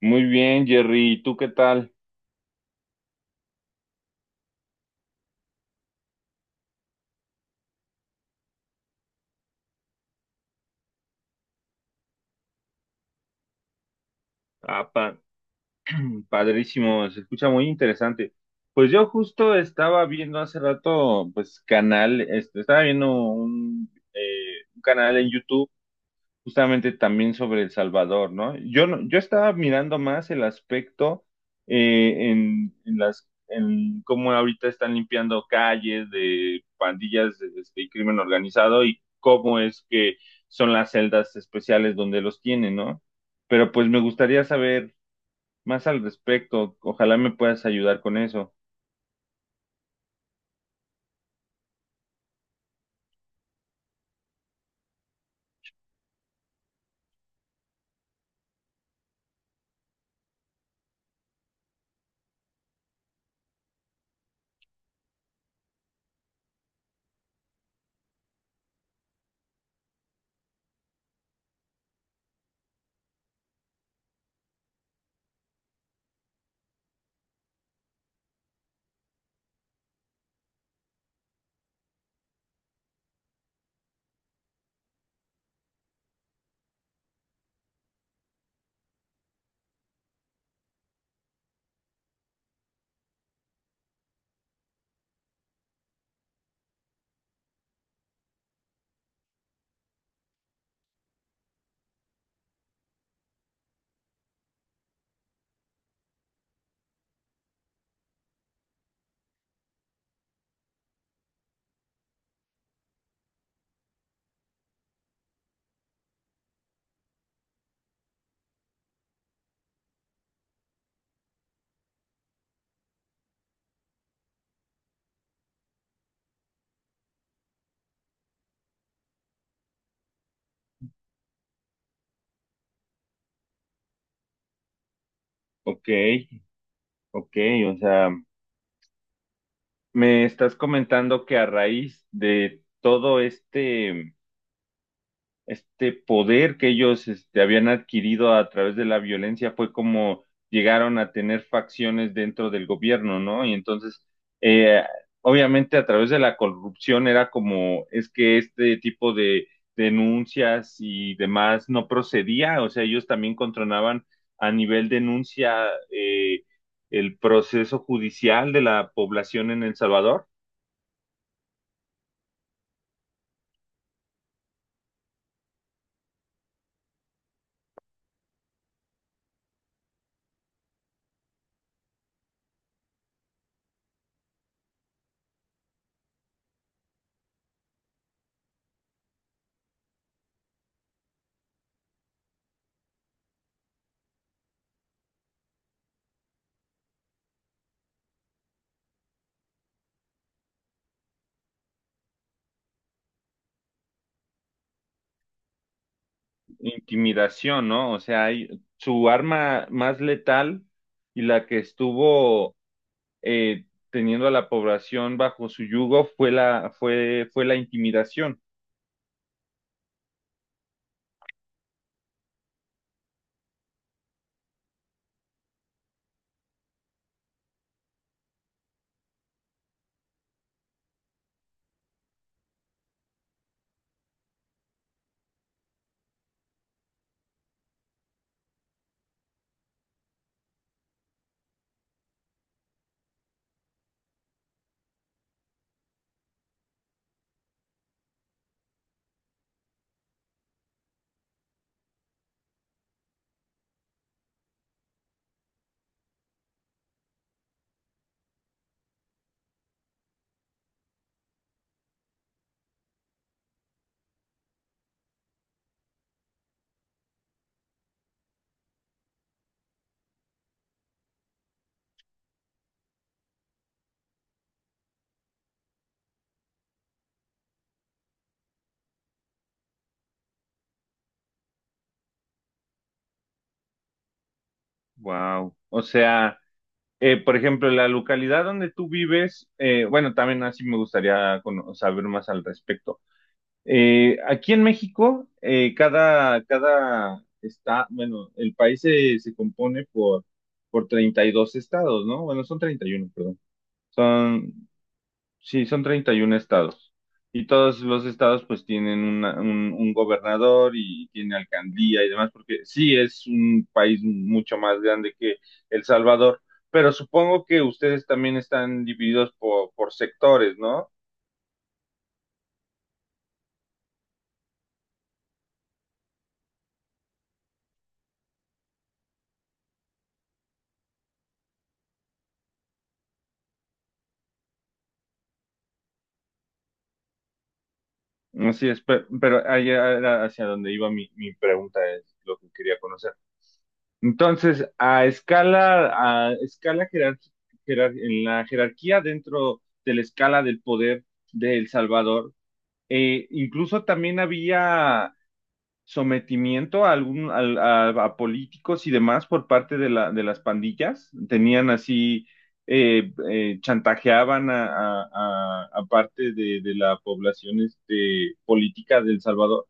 Muy bien, Jerry. ¿Y tú qué tal? Ah, pa- Padrísimo, se escucha muy interesante. Pues yo justo estaba viendo hace rato, pues canal, este, estaba viendo un canal en YouTube justamente también sobre El Salvador, ¿no? Yo estaba mirando más el aspecto en cómo ahorita están limpiando calles de pandillas este, y crimen organizado y cómo es que son las celdas especiales donde los tienen, ¿no? Pero pues me gustaría saber más al respecto. Ojalá me puedas ayudar con eso. Ok, ok, o sea, me estás comentando que a raíz de todo este poder que ellos este, habían adquirido a través de la violencia fue como llegaron a tener facciones dentro del gobierno, ¿no? Y entonces, eh, obviamente a través de la corrupción era como, es que este tipo de denuncias y demás no procedía, o sea, ellos también controlaban a nivel denuncia el proceso judicial de la población en El Salvador. Intimidación, ¿no? O sea, hay, su arma más letal y la que estuvo eh, teniendo a la población bajo su yugo fue fue la intimidación. Wow. O sea, por ejemplo, la localidad donde tú vives, bueno, también así me gustaría cono- saber más al respecto. Aquí en México, cada está, bueno, el país se compone por 32 estados, ¿no? Bueno, son 31, perdón. Son, sí, son 31 estados. Y todos los estados pues tienen un gobernador y tiene alcaldía y demás, porque sí es un país mucho más grande que El Salvador, pero supongo que ustedes también están divididos por sectores, ¿no? Pero, allá era hacia donde iba mi pregunta, es lo que quería conocer. Entonces, a escala en la jerarquía dentro de la escala del poder de El Salvador, incluso también había sometimiento a, algún, al- a políticos y demás por parte de, de las pandillas. Tenían así, chantajeaban a parte de la población este, política de El Salvador.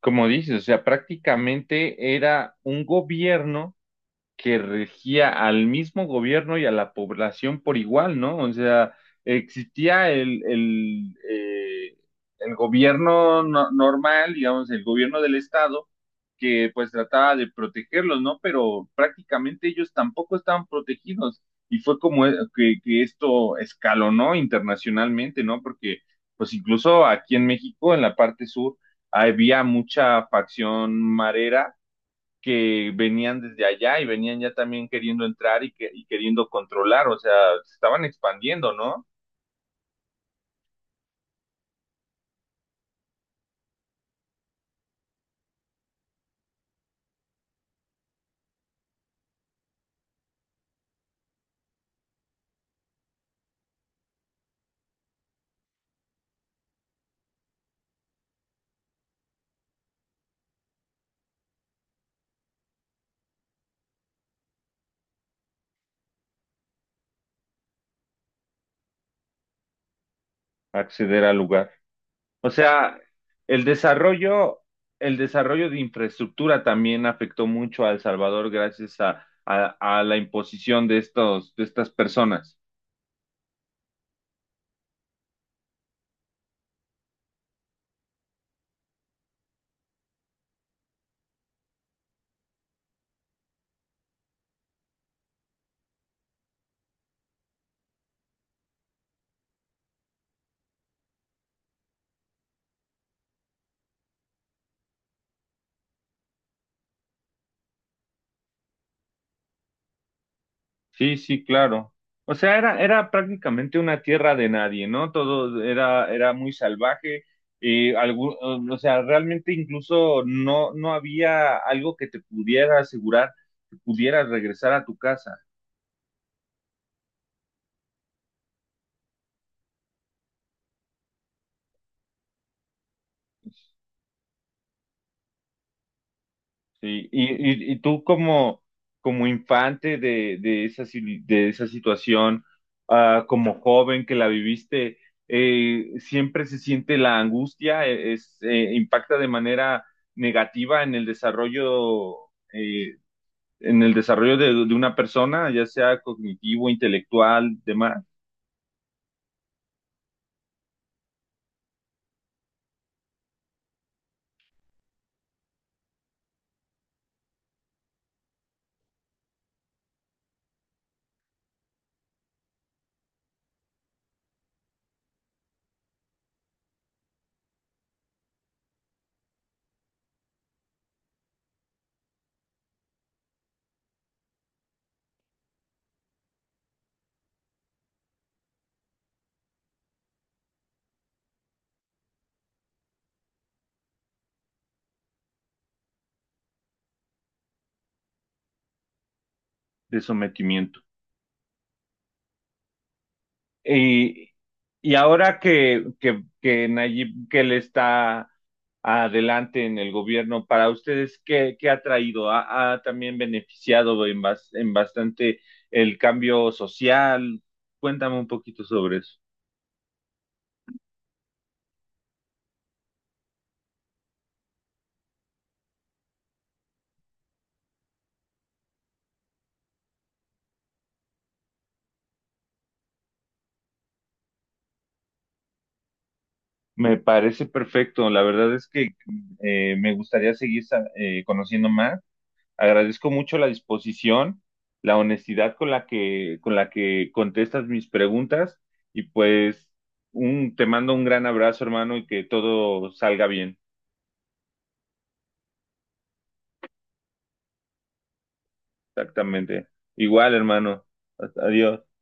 Como dices, o sea, prácticamente era un gobierno que regía al mismo gobierno y a la población por igual, ¿no? O sea, existía el gobierno normal, digamos, el gobierno del estado, que pues trataba de protegerlos, ¿no? Pero prácticamente ellos tampoco estaban protegidos. Y fue como que esto escalonó internacionalmente, ¿no? Porque pues incluso aquí en México, en la parte sur, había mucha facción marera que venían desde allá y venían ya también queriendo entrar y queriendo controlar, o sea, se estaban expandiendo, ¿no? Acceder al lugar. O sea, el desarrollo, el desarrollo de infraestructura también afectó mucho a El Salvador gracias a, a la imposición de estos, de estas personas. Sí, sí, claro. O sea, era prácticamente una tierra de nadie, ¿no? Todo era muy salvaje. Y algún, o sea, realmente incluso no había algo que te pudiera asegurar que pudieras regresar a tu casa. Sí, y tú como, como infante de esa, si- de esa situación, ah, como joven que la viviste, siempre se siente la angustia. Impacta de manera negativa eh, en el desarrollo de una persona, ya sea cognitivo, intelectual, demás, de sometimiento. Y, y ahora que, que Nayib Bukele está adelante en el gobierno, para ustedes, ¿qué, qué ha traído? ¿Ha, ha también beneficiado en, en bastante el cambio social? Cuéntame un poquito sobre eso. Me parece perfecto. La verdad es que me gustaría seguir conociendo más. Agradezco mucho la disposición, la honestidad con la que contestas mis preguntas y pues te mando un gran abrazo, hermano, y que todo salga bien. Exactamente. Igual, hermano. Adiós.